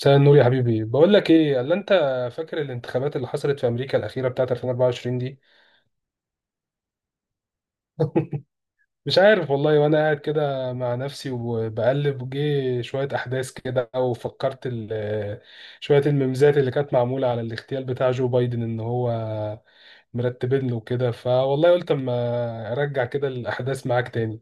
مساء النور يا حبيبي. بقول لك ايه اللي انت فاكر الانتخابات اللي حصلت في امريكا الاخيره بتاعت 2024 دي. مش عارف والله. وانا قاعد كده مع نفسي وبقلب جه شويه احداث كده، وفكرت شويه الميمزات اللي كانت معموله على الاغتيال بتاع جو بايدن ان هو مرتبين له كده، فوالله قلت اما ارجع كده الاحداث معاك تاني.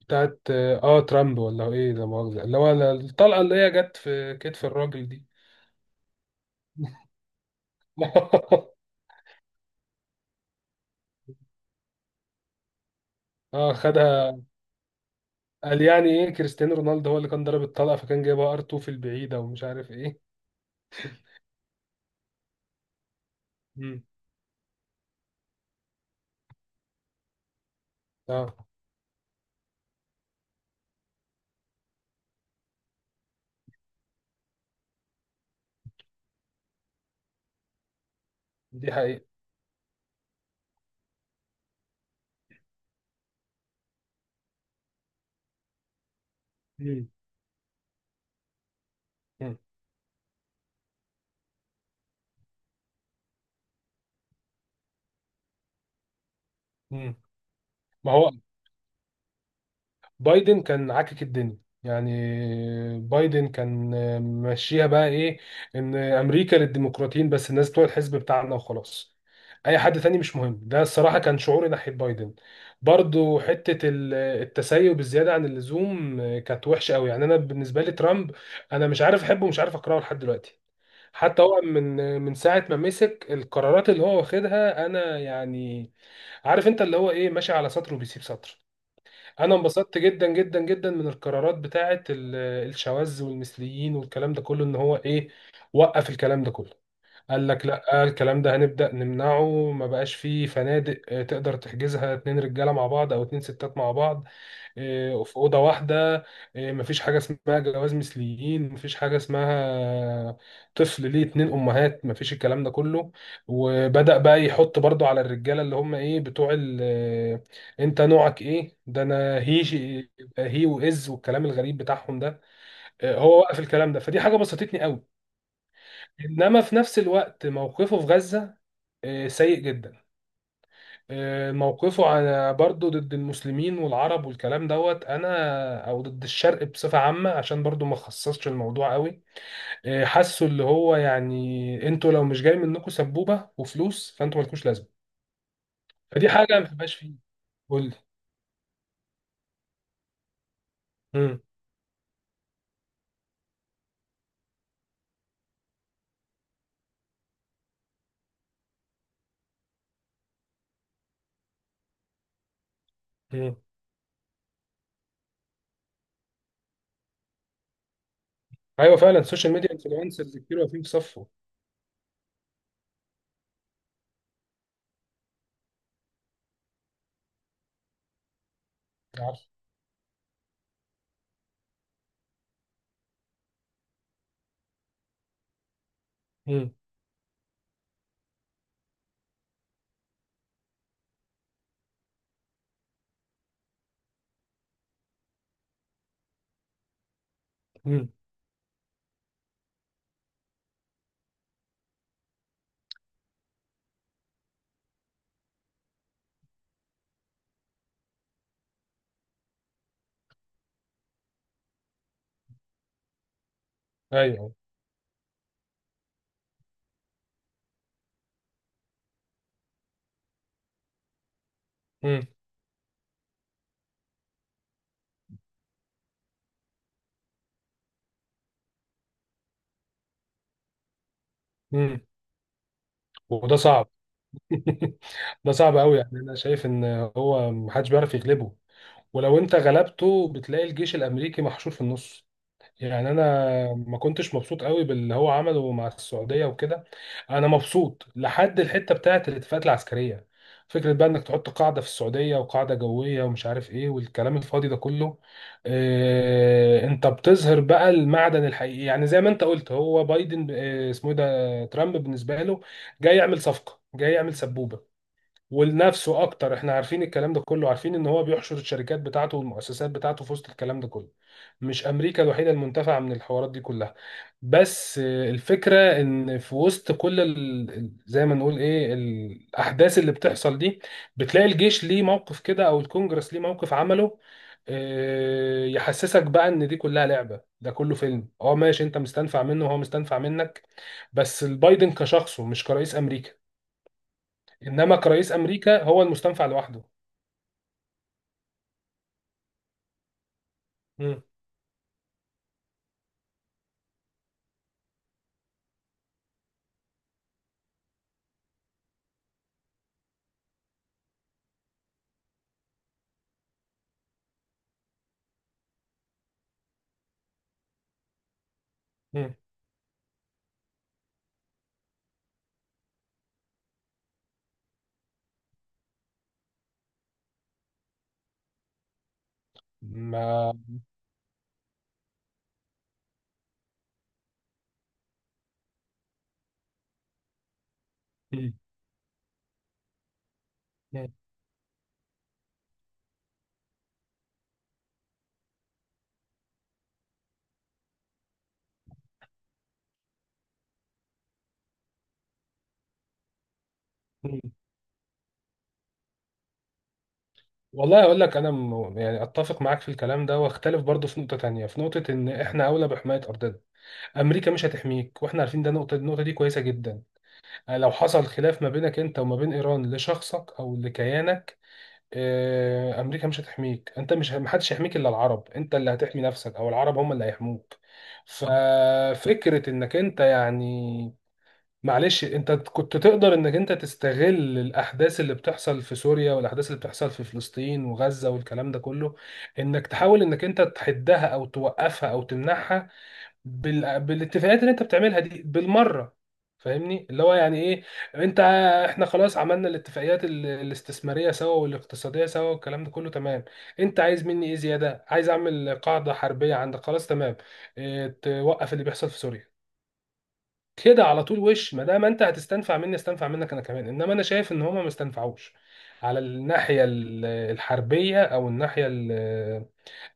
بتاعت اه ترامب ولا ايه؟ ده مؤاخذه، اللي هو الطلقه اللي هي جت في كتف الراجل دي. اه خد، قال يعني ايه كريستيانو رونالدو هو اللي كان ضرب الطلقه، فكان جايبها ار 2 في البعيده ومش عارف ايه. مم. اه دي حقيقه. مم. مم. مم. ما هو بايدن كان عاكك الدنيا، يعني بايدن كان ماشيها بقى ايه، ان امريكا للديمقراطيين بس، الناس بتوع الحزب بتاعنا وخلاص، اي حد تاني مش مهم. ده الصراحه كان شعوري ناحيه بايدن. برضو حته التسيب الزياده عن اللزوم كانت وحشه قوي. يعني انا بالنسبه لي ترامب، انا مش عارف احبه ومش عارف اكرهه لحد دلوقتي. حتى هو من ساعة ما مسك القرارات اللي هو واخدها، أنا يعني عارف أنت اللي هو إيه، ماشي على سطر وبيسيب سطر. أنا انبسطت جدا جدا جدا من القرارات بتاعة الشواذ والمثليين والكلام ده كله، إن هو إيه وقف الكلام ده كله. قال لك لا، الكلام ده هنبدأ نمنعه، ما بقاش فيه فنادق تقدر تحجزها اتنين رجالة مع بعض او اتنين ستات مع بعض في أوضة واحدة. مفيش حاجة اسمها جواز مثليين، مفيش حاجة اسمها طفل ليه اتنين أمهات، مفيش الكلام ده كله. وبدأ بقى يحط برضو على الرجالة اللي هم ايه بتوع ال انت نوعك ايه ده، انا هي وإز والكلام الغريب بتاعهم ده. هو وقف الكلام ده، فدي حاجة بسطتني قوي. انما في نفس الوقت موقفه في غزة سيء جدا. موقفه على برضه ضد المسلمين والعرب والكلام دوت انا او ضد الشرق بصفه عامه، عشان برضه ما خصصش الموضوع قوي. حاسه اللي هو يعني انتوا لو مش جاي منكم سبوبه وفلوس، فانتوا مالكوش لازمه. فدي حاجه ما بتبقاش فيه. قول لي. مم. مم. ايوه فعلا، السوشيال ميديا انفلونسرز كتير واقفين في صفه. عارف. مم. مم. ايوه. مم. مم. وده صعب. ده صعب قوي. يعني انا شايف ان هو محدش بيعرف يغلبه، ولو انت غلبته بتلاقي الجيش الامريكي محشور في النص. يعني انا ما كنتش مبسوط قوي باللي هو عمله مع السعوديه وكده. انا مبسوط لحد الحته بتاعه الاتفاقات العسكريه، فكره بقى انك تحط قاعده في السعوديه وقاعده جويه ومش عارف ايه والكلام الفاضي ده كله. اه، انت بتظهر بقى المعدن الحقيقي. يعني زي ما انت قلت، هو بايدن اه اسمه ايه ده ترامب بالنسبه له جاي يعمل صفقه، جاي يعمل سبوبه ولنفسه اكتر. احنا عارفين الكلام ده كله، عارفين ان هو بيحشر الشركات بتاعته والمؤسسات بتاعته في وسط الكلام ده كله. مش امريكا الوحيده المنتفعه من الحوارات دي كلها. بس الفكره ان في وسط كل زي ما نقول ايه الاحداث اللي بتحصل دي، بتلاقي الجيش ليه موقف كده او الكونجرس ليه موقف عمله. يحسسك بقى ان دي كلها لعبه، ده كله فيلم. اه ماشي، انت مستنفع منه وهو مستنفع منك. بس البايدن كشخصه مش كرئيس امريكا. انما كرئيس امريكا هو المستنفع لوحده. مم. مم. ما مم. مم. مم. والله اقول لك انا يعني اتفق معاك في الكلام ده واختلف برضه في نقطه تانية، في نقطه ان احنا اولى بحمايه ارضنا. امريكا مش هتحميك واحنا عارفين ده. نقطه، النقطه دي كويسه جدا. لو حصل خلاف ما بينك انت وما بين ايران لشخصك او لكيانك، امريكا مش هتحميك، انت مش محدش يحميك الا العرب، انت اللي هتحمي نفسك او العرب هم اللي هيحموك. ففكره انك انت يعني معلش، انت كنت تقدر انك انت تستغل الاحداث اللي بتحصل في سوريا والاحداث اللي بتحصل في فلسطين وغزة والكلام ده كله، انك تحاول انك انت تحدها او توقفها او تمنعها بالاتفاقات اللي انت بتعملها دي بالمرة. فاهمني اللي هو يعني ايه، انت، احنا خلاص عملنا الاتفاقيات الاستثمارية سوا والاقتصادية سوا والكلام ده كله تمام. انت عايز مني ايه زيادة؟ عايز اعمل قاعدة حربية عندك؟ خلاص تمام. اه... توقف اللي بيحصل في سوريا كده على طول. وش ما دام انت هتستنفع مني، استنفع منك انا كمان. انما انا شايف ان هما ما استنفعوش على الناحيه الحربيه او الناحيه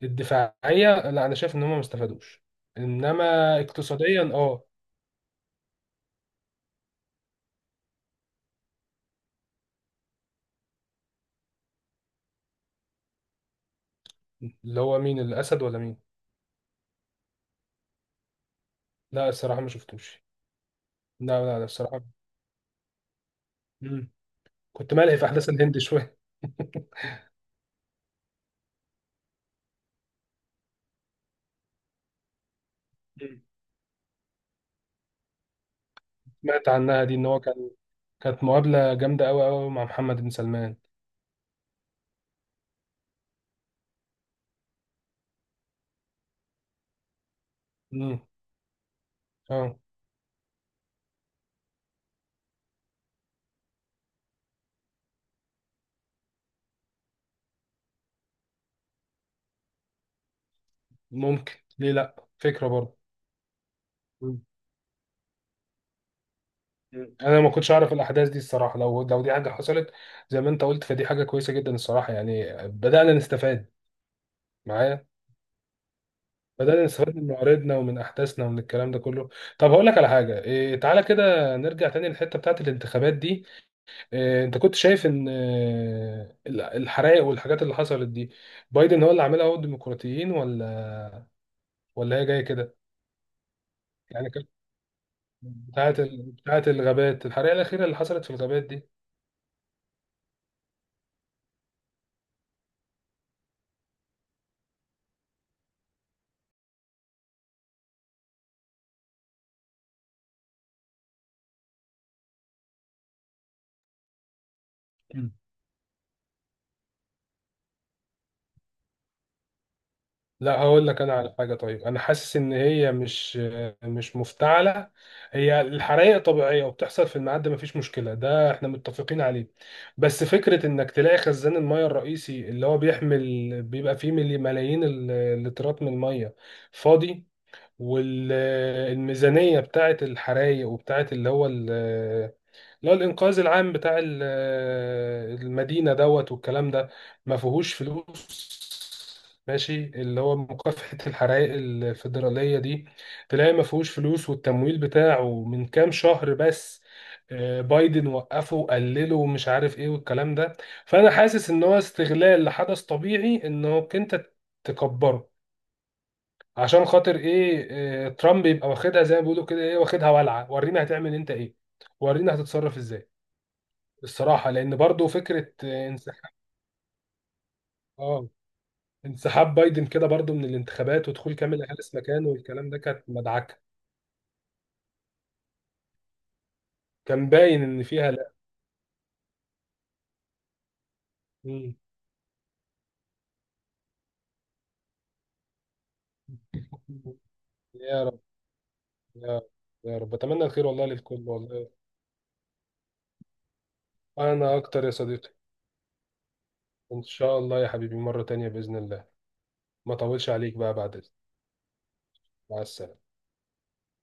الدفاعيه، لا انا شايف ان هما ما استفادوش. انما اقتصاديا اه. اللي هو مين؟ الاسد ولا مين؟ لا الصراحه ما شفتوش. لا الصراحه. مم. كنت ملهي في احداث الهند شويه. مم. سمعت عنها دي ان هو كان، كانت مقابله جامده قوي مع محمد بن سلمان. مم. اه. ممكن، ليه لا، فكره برضه. مم. انا ما كنتش اعرف الاحداث دي الصراحه. لو دي حاجه حصلت زي ما انت قلت، فدي حاجه كويسه جدا الصراحه. يعني بدانا نستفاد معايا، بدانا نستفاد من معارضنا ومن احداثنا ومن الكلام ده كله. طب هقول لك على حاجه إيه، تعالى كده نرجع تاني للحته بتاعت الانتخابات دي. إيه انت كنت شايف ان الحرائق والحاجات اللي حصلت دي، بايدن هو اللي عاملها، هو الديمقراطيين، ولا ولا هي جايه كده؟ يعني كانت بتاعت بتاعت الغابات، الحرائق الاخيره اللي حصلت في الغابات دي. لا هقول لك انا على حاجه، طيب انا حاسس ان هي مش مفتعله، هي الحرائق طبيعيه وبتحصل في الميعاد ده مفيش مشكله، ده احنا متفقين عليه. بس فكره انك تلاقي خزان الميه الرئيسي اللي هو بيحمل، بيبقى فيه ملايين اللترات من الميه فاضي. والميزانيه بتاعه الحرائق وبتاعه اللي هو، اللي هو الإنقاذ العام بتاع المدينة دوت والكلام ده، ما فيهوش فلوس. ماشي، اللي هو مكافحة الحرائق الفيدرالية دي تلاقي ما فيهوش فلوس، والتمويل بتاعه من كام شهر بس بايدن وقفه وقلله ومش عارف ايه والكلام ده. فأنا حاسس إن هو استغلال لحدث طبيعي، إنك أنت تكبره عشان خاطر ايه، ترامب يبقى واخدها زي ما بيقولوا كده ايه، واخدها ولعة، ورينا هتعمل انت ايه، ورينا هتتصرف ازاي. الصراحة لأن برضو فكرة اه انسحاب بايدن كده برضو من الانتخابات ودخول كاملا هاريس مكانه والكلام ده كانت مدعكة، كان باين إن فيها لا. مم. يا رب. يا رب. يا رب، أتمنى الخير والله للكل والله. أنا أكتر يا صديقي. إن شاء الله يا حبيبي مرة تانية بإذن الله. ما طولش عليك بقى بعد إذنك. مع السلامة.